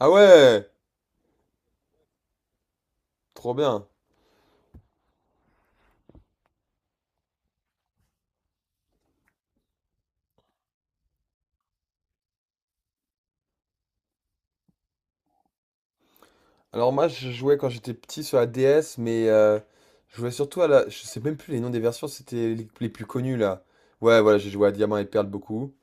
Ah ouais, trop bien. Alors moi je jouais quand j'étais petit sur la DS, mais je jouais surtout à la. Je sais même plus les noms des versions, c'était les plus connus là. Ouais, voilà, j'ai joué à Diamant et Perle beaucoup.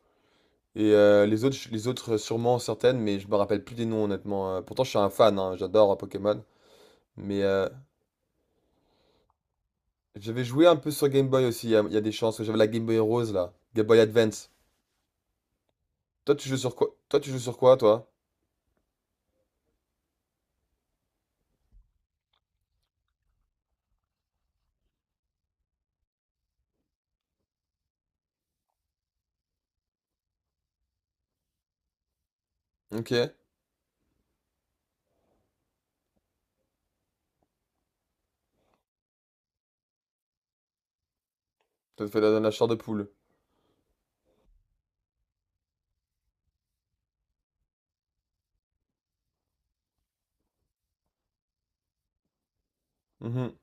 Et les autres, les autres sûrement certaines, mais je me rappelle plus des noms honnêtement. Pourtant je suis un fan, hein, j'adore Pokémon. Mais j'avais joué un peu sur Game Boy aussi, il y a des chances que j'avais la Game Boy Rose là, Game Boy Advance. Toi tu joues sur quoi? Toi tu joues sur quoi, toi? Ok, toi tu fais dans la chair de poule. Mhm.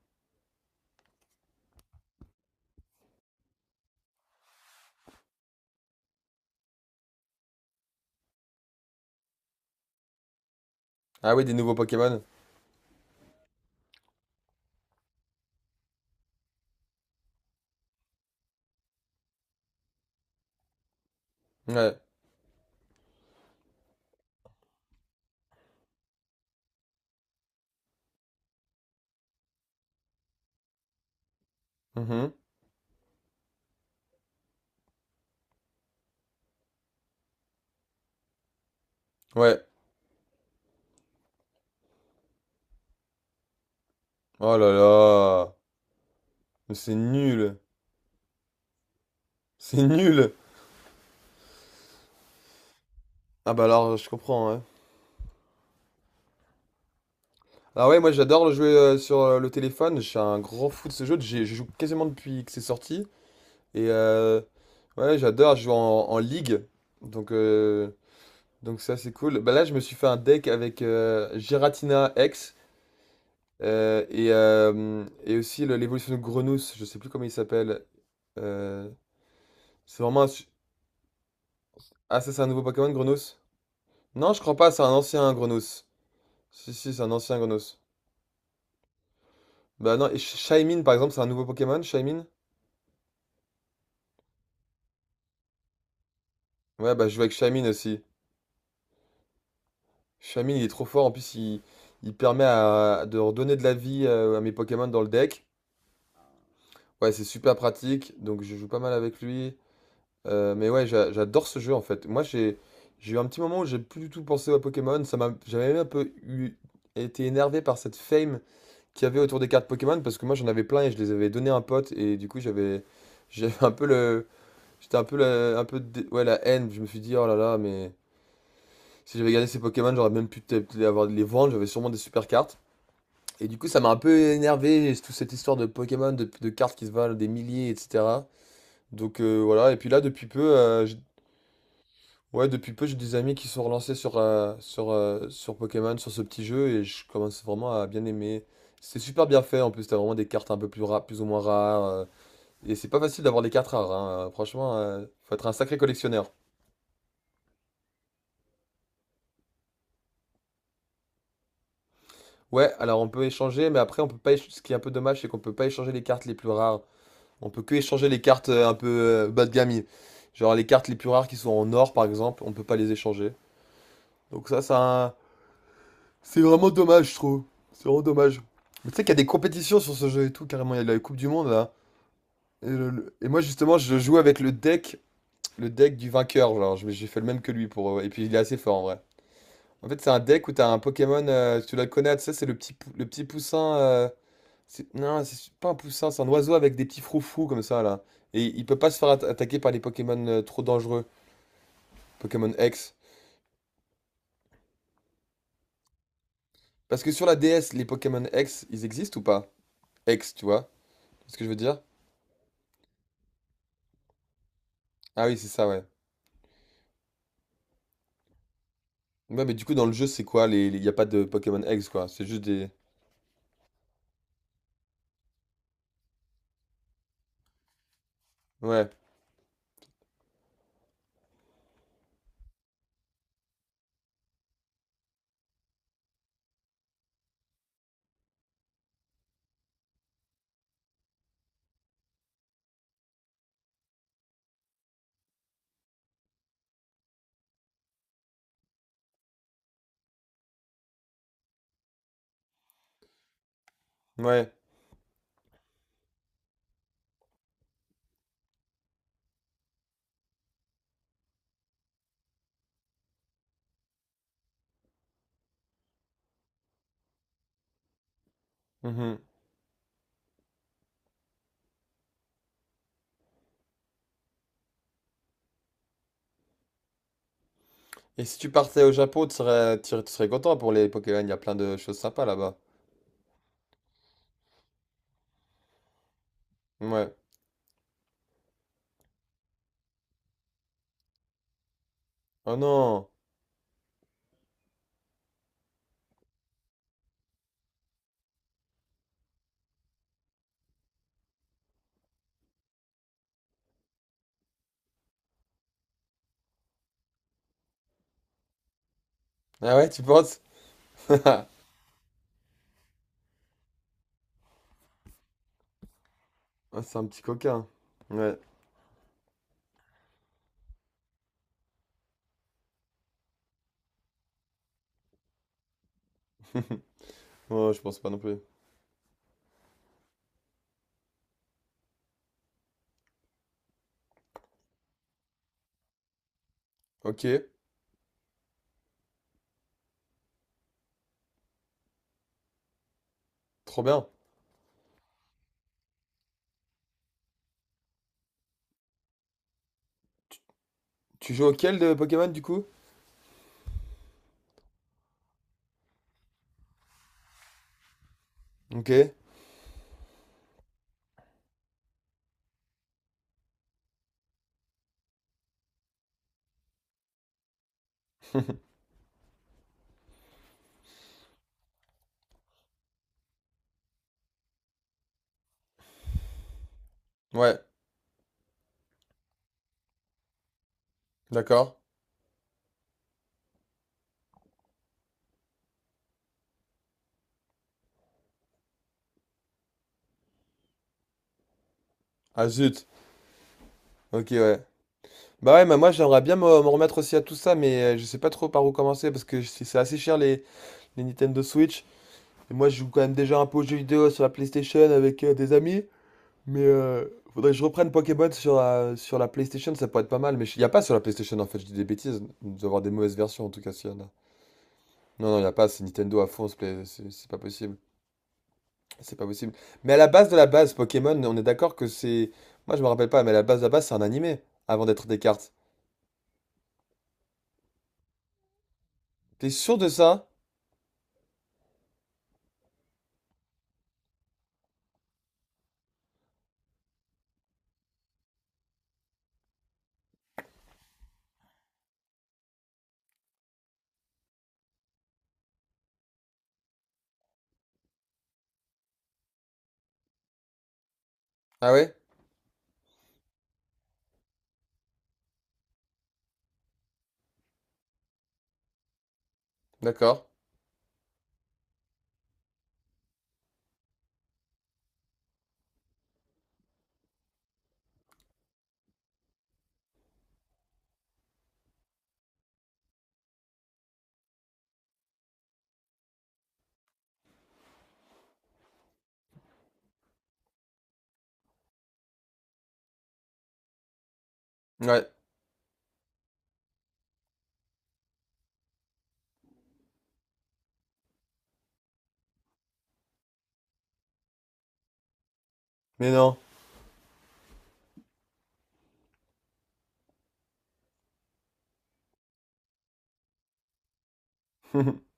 Ah oui, des nouveaux Pokémon. Ouais. Mhm. Ouais. Oh là là. Mais c'est nul. C'est nul. Ah bah alors, je comprends, ouais. Ah ouais, moi j'adore le jouer sur le téléphone. Je suis un grand fou de ce jeu. Je joue quasiment depuis que c'est sorti. Et ouais, j'adore. Je joue en ligue. Donc, euh, donc ça, c'est cool. Bah là, je me suis fait un deck avec Giratina X. Et aussi l'évolution de Grenos. Je sais plus comment il s'appelle. Euh, c'est vraiment un. Ah, ça, c'est un nouveau Pokémon, Grenos? Non, je crois pas. C'est un ancien Grenos. Si, si, c'est un ancien Grenos. Bah non, et Shaymin, par exemple, c'est un nouveau Pokémon, Shaymin? Ouais, bah je joue avec Shaymin aussi. Shaymin, il est trop fort, en plus, il permet de redonner de la vie à mes Pokémon dans le deck. Ouais, c'est super pratique, donc je joue pas mal avec lui. Mais ouais, j'adore ce jeu en fait. Moi, j'ai eu un petit moment où j'ai plus du tout pensé aux Pokémon. J'avais même un peu été énervé par cette fame qu'il y avait autour des cartes Pokémon, parce que moi, j'en avais plein et je les avais donné à un pote, et du coup, j'avais un peu le j'étais un peu la, un peu dé- ouais, la haine. Je me suis dit, oh là là, mais si j'avais gardé ces Pokémon, j'aurais même pu peut-être les avoir, les vendre. J'avais sûrement des super cartes. Et du coup, ça m'a un peu énervé, toute cette histoire de Pokémon, de cartes qui se valent des milliers, etc. Donc voilà. Et puis là, depuis peu, ouais, depuis peu, j'ai des amis qui sont relancés sur, sur Pokémon, sur ce petit jeu, et je commence vraiment à bien aimer. C'est super bien fait. En plus, t'as vraiment des cartes un peu plus ou moins rares. Et c'est pas facile d'avoir des cartes rares, hein. Franchement, faut être un sacré collectionneur. Ouais, alors on peut échanger, mais après on peut pas. Ce qui est un peu dommage, c'est qu'on peut pas échanger les cartes les plus rares. On peut que échanger les cartes un peu bas de gamme. Genre les cartes les plus rares qui sont en or, par exemple, on peut pas les échanger. Donc ça, c'est vraiment dommage, je trouve. C'est vraiment dommage. Mais tu sais qu'il y a des compétitions sur ce jeu et tout, carrément. Il y a la Coupe du Monde là. Et, moi justement, je joue avec le deck du vainqueur. Genre, j'ai fait le même que lui. Pour. Et puis il est assez fort en vrai. En fait, c'est un deck où t'as un Pokémon, tu dois le connaître, ça c'est le petit poussin. Non, c'est pas un poussin, c'est un oiseau avec des petits froufrous comme ça là. Et il peut pas se faire attaquer par les Pokémon trop dangereux, Pokémon X. Parce que sur la DS, les Pokémon X, ils existent ou pas? X, tu vois? C'est ce que je veux dire? Ah oui, c'est ça, ouais. Ouais, mais du coup, dans le jeu, c'est quoi? Y a pas de Pokémon X, quoi. C'est juste des. Ouais, ouais. Mhm. Et si tu partais au Japon, tu serais content pour les Pokémon. Y a plein de choses sympas là-bas. Ouais. Oh non! Ah ouais, tu penses? Ah, c'est un petit coquin. Ouais. Ouais, je pense pas non plus. Ok, trop bien. Tu joues auquel de Pokémon, du coup? Ok. Ouais, d'accord. Ah zut. Ok, ouais. Bah ouais, bah moi j'aimerais bien me remettre aussi à tout ça, mais je sais pas trop par où commencer parce que c'est assez cher les Nintendo Switch. Et moi je joue quand même déjà un peu aux jeux vidéo sur la PlayStation avec des amis, mais faudrait que je reprenne Pokémon sur la PlayStation, ça pourrait être pas mal. Mais il y a pas sur la PlayStation, en fait, je dis des bêtises, il doit y avoir des mauvaises versions en tout cas, s'il y en a. Non, non, il y a pas, c'est Nintendo à fond, c'est pas possible. C'est pas possible. Mais à la base de la base, Pokémon, on est d'accord que c'est. Moi, je me rappelle pas, mais à la base de la base, c'est un animé avant d'être des cartes. T'es sûr de ça? Ah ouais? D'accord. Ouais. Mais non.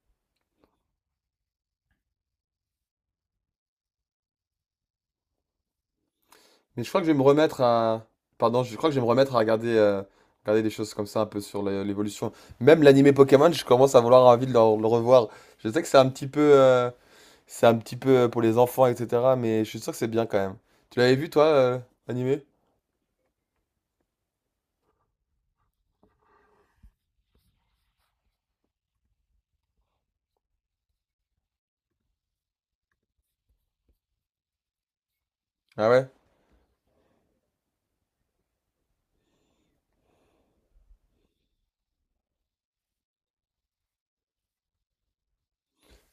Mais je crois que je vais me remettre à. Pardon, je crois que je vais me remettre à regarder des choses comme ça un peu sur l'évolution. Même l'animé Pokémon, je commence à vouloir envie de le revoir. Je sais que c'est un petit peu, pour les enfants, etc. Mais je suis sûr que c'est bien quand même. Tu l'avais vu, toi, l'animé? Ah ouais?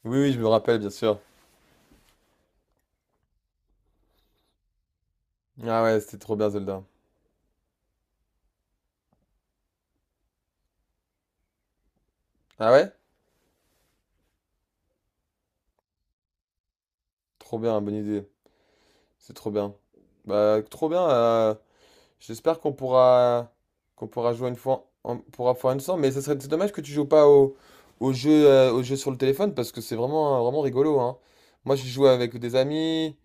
Oui, oui, je me rappelle, bien sûr. Ah ouais, c'était trop bien Zelda. Ah ouais? Trop bien, bonne idée. C'est trop bien. Bah, trop bien. J'espère qu'on pourra jouer une fois, on pourra faire une ensemble. Mais ça serait, c'est dommage que tu joues pas au jeu sur le téléphone parce que c'est vraiment vraiment rigolo, hein. Moi, j'ai joué avec des amis.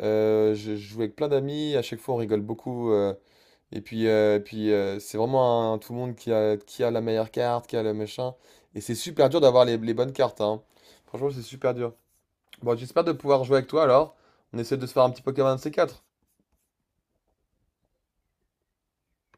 Je joue avec plein d'amis. À chaque fois, on rigole beaucoup. Et puis tout le monde qui a la meilleure carte, qui a le machin. Et c'est super dur d'avoir les bonnes cartes, hein. Franchement, c'est super dur. Bon, j'espère de pouvoir jouer avec toi alors. On essaie de se faire un petit Pokémon C4.